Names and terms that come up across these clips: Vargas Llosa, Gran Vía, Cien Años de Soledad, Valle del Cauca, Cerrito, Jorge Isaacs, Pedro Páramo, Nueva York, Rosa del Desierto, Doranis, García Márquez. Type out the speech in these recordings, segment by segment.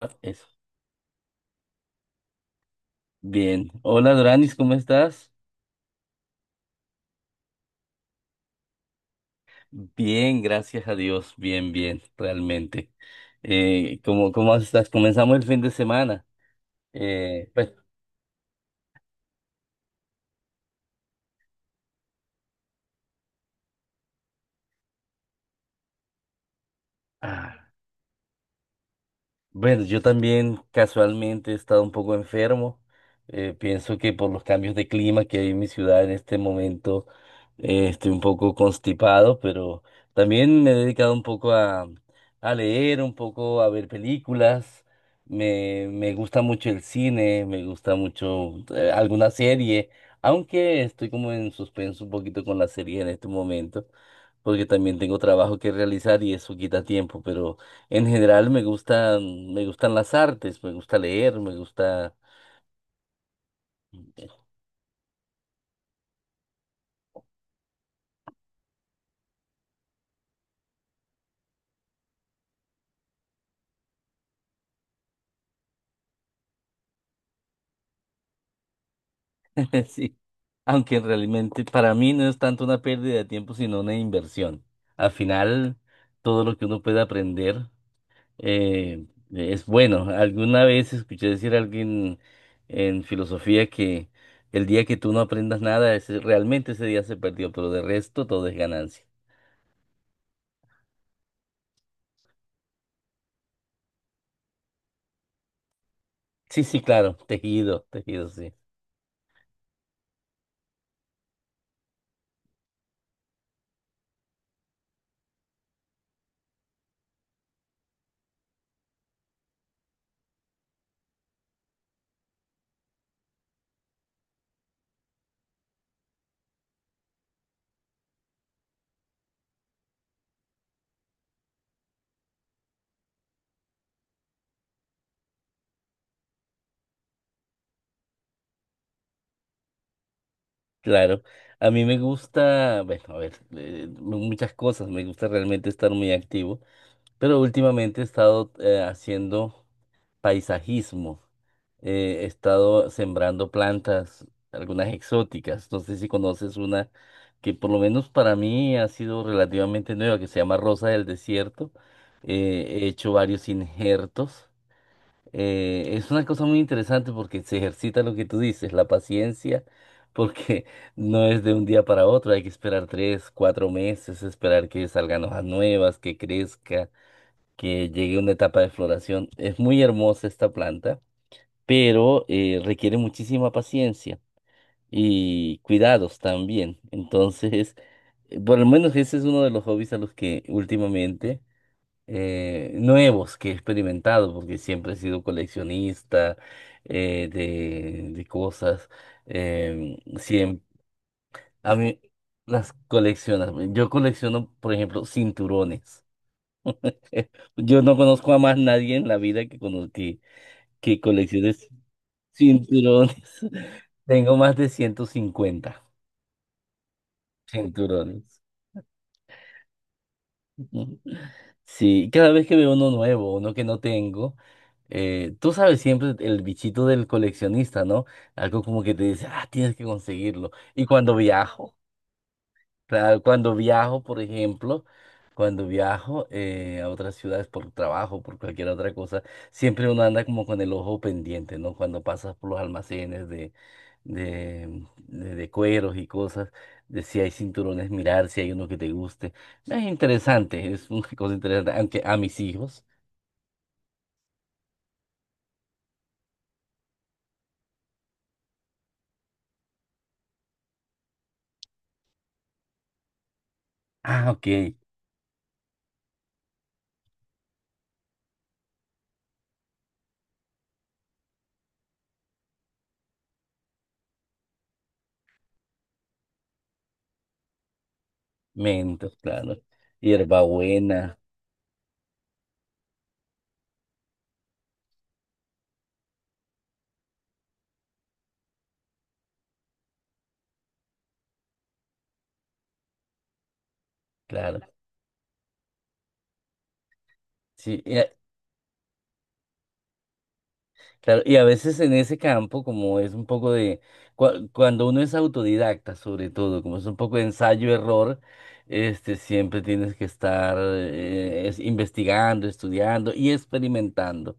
Ah, eso. Bien. Hola Doranis, ¿cómo estás? Bien, gracias a Dios. Bien, bien, realmente. ¿Cómo estás? Comenzamos el fin de semana. Pues, ah, bueno, yo también casualmente he estado un poco enfermo. Pienso que por los cambios de clima que hay en mi ciudad en este momento, estoy un poco constipado, pero también me he dedicado un poco a leer, un poco a ver películas. Me gusta mucho el cine, me gusta mucho alguna serie, aunque estoy como en suspenso un poquito con la serie en este momento, porque también tengo trabajo que realizar y eso quita tiempo, pero... En general me gustan las artes, me gusta leer, me gusta, sí, aunque realmente para mí no es tanto una pérdida de tiempo, sino una inversión. Al final, todo lo que uno puede aprender eh, es bueno. Alguna vez escuché decir a alguien en filosofía que el día que tú no aprendas nada, realmente ese día se perdió, pero de resto todo es ganancia. Sí, sí, claro, tejido, tejido, sí. Claro, a mí me gusta, bueno, a ver, muchas cosas, me gusta realmente estar muy activo, pero últimamente he estado haciendo paisajismo, he estado sembrando plantas, algunas exóticas, no sé si conoces una que por lo menos para mí ha sido relativamente nueva, que se llama Rosa del Desierto, he hecho varios injertos. Es una cosa muy interesante porque se ejercita lo que tú dices, la paciencia, porque no es de un día para otro, hay que esperar 3, 4 meses, esperar que salgan hojas nuevas, que crezca, que llegue una etapa de floración. Es muy hermosa esta planta, pero requiere muchísima paciencia y cuidados también. Entonces, por lo menos ese es uno de los hobbies a los que últimamente nuevos que he experimentado, porque siempre he sido coleccionista de cosas. Siempre, a mí las coleccionas. Yo colecciono, por ejemplo, cinturones. Yo no conozco a más nadie en la vida que coleccione cinturones. Tengo más de 150 cinturones. Sí, cada vez que veo uno nuevo, uno que no tengo, tú sabes siempre el bichito del coleccionista, ¿no? Algo como que te dice, ah, tienes que conseguirlo. Y cuando viajo, claro, cuando viajo, por ejemplo, cuando viajo a otras ciudades por trabajo, por cualquier otra cosa, siempre uno anda como con el ojo pendiente, ¿no? Cuando pasas por los almacenes de cueros y cosas, de si hay cinturones, mirar si hay uno que te guste. Es interesante, es una cosa interesante, aunque a mis hijos, ah, ok, mentos, claro, hierbabuena, claro. Sí, Claro, y a veces en ese campo, como es un poco de, cuando uno es autodidacta sobre todo, como es un poco de ensayo-error, este, siempre tienes que estar investigando, estudiando y experimentando.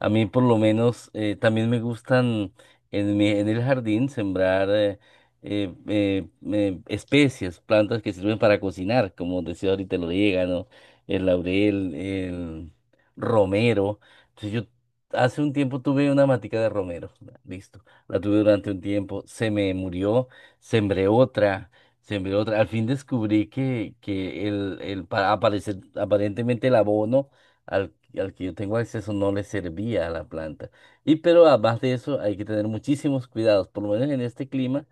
A mí por lo menos también me gustan en en el jardín sembrar especies, plantas que sirven para cocinar, como decía ahorita el orégano, el laurel, el romero. Entonces, Yo hace un tiempo tuve una matica de romero, ya, listo. La tuve durante un tiempo, se me murió, sembré otra, sembré otra. Al fin descubrí que el aparentemente el abono al, al que yo tengo acceso no le servía a la planta. Y pero además de eso hay que tener muchísimos cuidados, por lo menos en este clima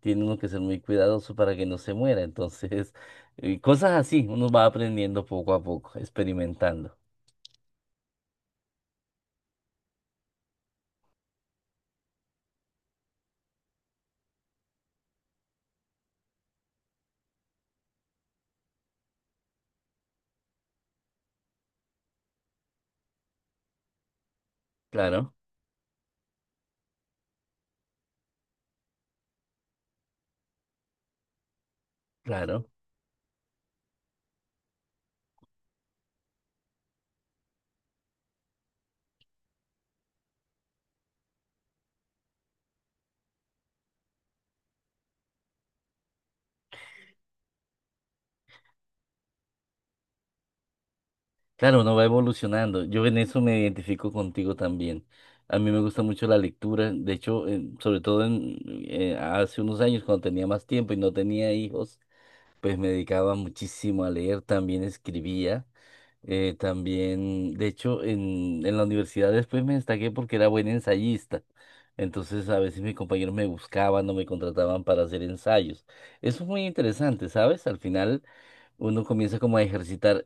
tiene uno que ser muy cuidadoso para que no se muera. Entonces, cosas así, uno va aprendiendo poco a poco, experimentando. Claro, claro. Claro, uno va evolucionando. Yo en eso me identifico contigo también. A mí me gusta mucho la lectura. De hecho, sobre todo hace unos años, cuando tenía más tiempo y no tenía hijos, pues me dedicaba muchísimo a leer. También escribía. También, de hecho, en la universidad después me destaqué porque era buen ensayista. Entonces, a veces mis compañeros me buscaban o me contrataban para hacer ensayos. Eso es muy interesante, ¿sabes? Al final, uno comienza como a ejercitar.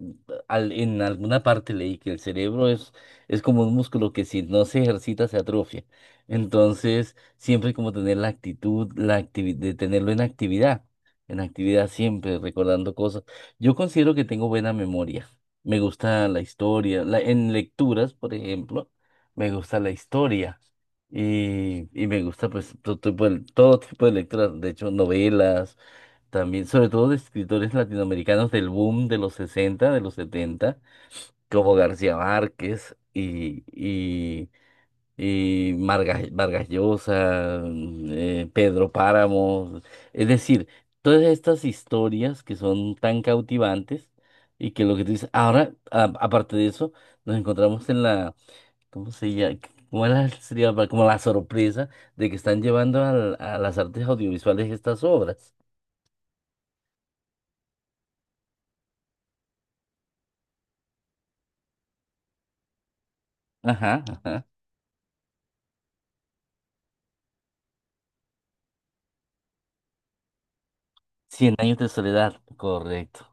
En alguna parte leí que el cerebro es como un músculo que si no se ejercita se atrofia. Entonces, siempre como tener la actitud, de tenerlo en actividad siempre, recordando cosas. Yo considero que tengo buena memoria. Me gusta la historia. En lecturas, por ejemplo, me gusta la historia. Y me gusta pues todo tipo de lecturas. De hecho, novelas también, sobre todo de escritores latinoamericanos del boom de los 60 de los 70 como García Márquez y, Vargas Llosa, Pedro Páramo, es decir, todas estas historias que son tan cautivantes y que lo que tú dices, ahora, aparte de eso, nos encontramos en la, ¿cómo se llama? ¿ Sería como la sorpresa de que están llevando a las artes audiovisuales estas obras. Ajá, ajá. Cien años de soledad, correcto.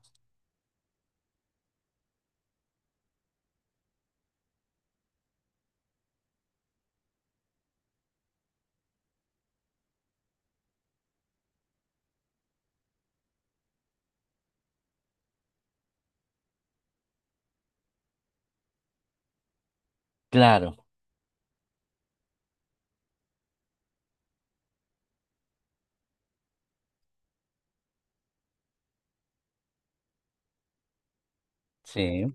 Claro, sí,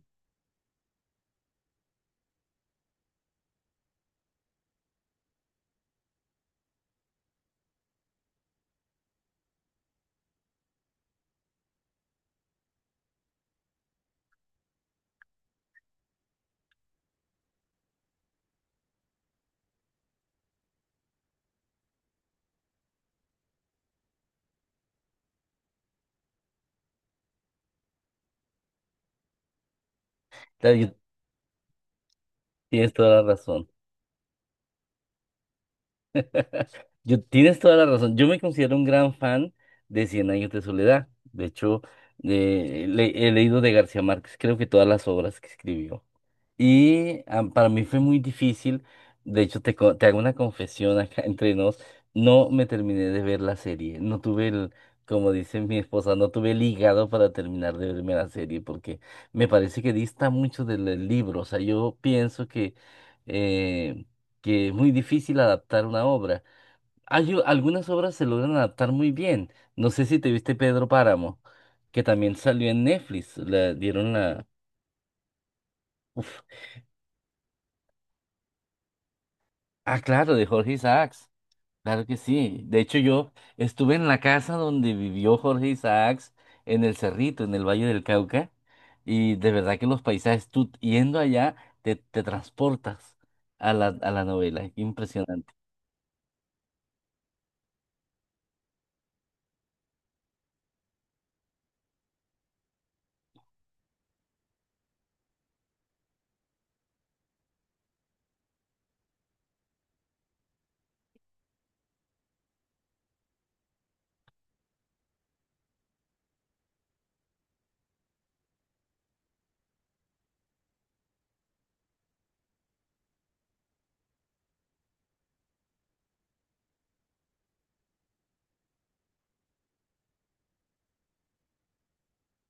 claro, tienes toda la razón. Yo, tienes toda la razón. Yo me considero un gran fan de Cien Años de Soledad. De hecho, he leído de García Márquez, creo que todas las obras que escribió. Y ah, para mí fue muy difícil. De hecho, te hago una confesión acá entre nos. No me terminé de ver la serie. No tuve como dice mi esposa, no tuve el hígado para terminar de verme la serie porque me parece que dista mucho del libro. O sea, yo pienso eh, que es muy difícil adaptar una obra. Hay algunas obras se logran adaptar muy bien. No sé si te viste Pedro Páramo, que también salió en Netflix. Le dieron la... Uf. Ah, claro, de Jorge Isaacs. Claro que sí. De hecho, yo estuve en la casa donde vivió Jorge Isaacs, en el Cerrito, en el Valle del Cauca, y de verdad que los paisajes, tú yendo allá, te transportas a a la novela. Impresionante.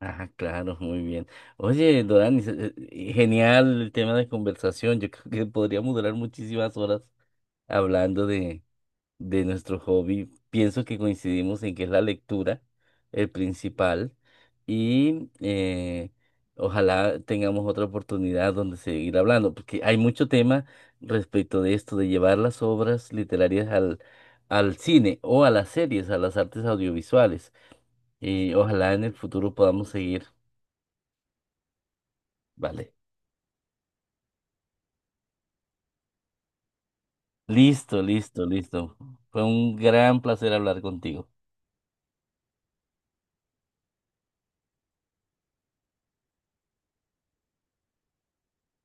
Ah, claro, muy bien. Oye, Dorani, genial el tema de conversación. Yo creo que podríamos durar muchísimas horas hablando de nuestro hobby. Pienso que coincidimos en que es la lectura el principal y ojalá tengamos otra oportunidad donde seguir hablando, porque hay mucho tema respecto de esto, de llevar las obras literarias al cine o a las series, a las artes audiovisuales. Y ojalá en el futuro podamos seguir. Vale. Listo, listo, listo. Fue un gran placer hablar contigo.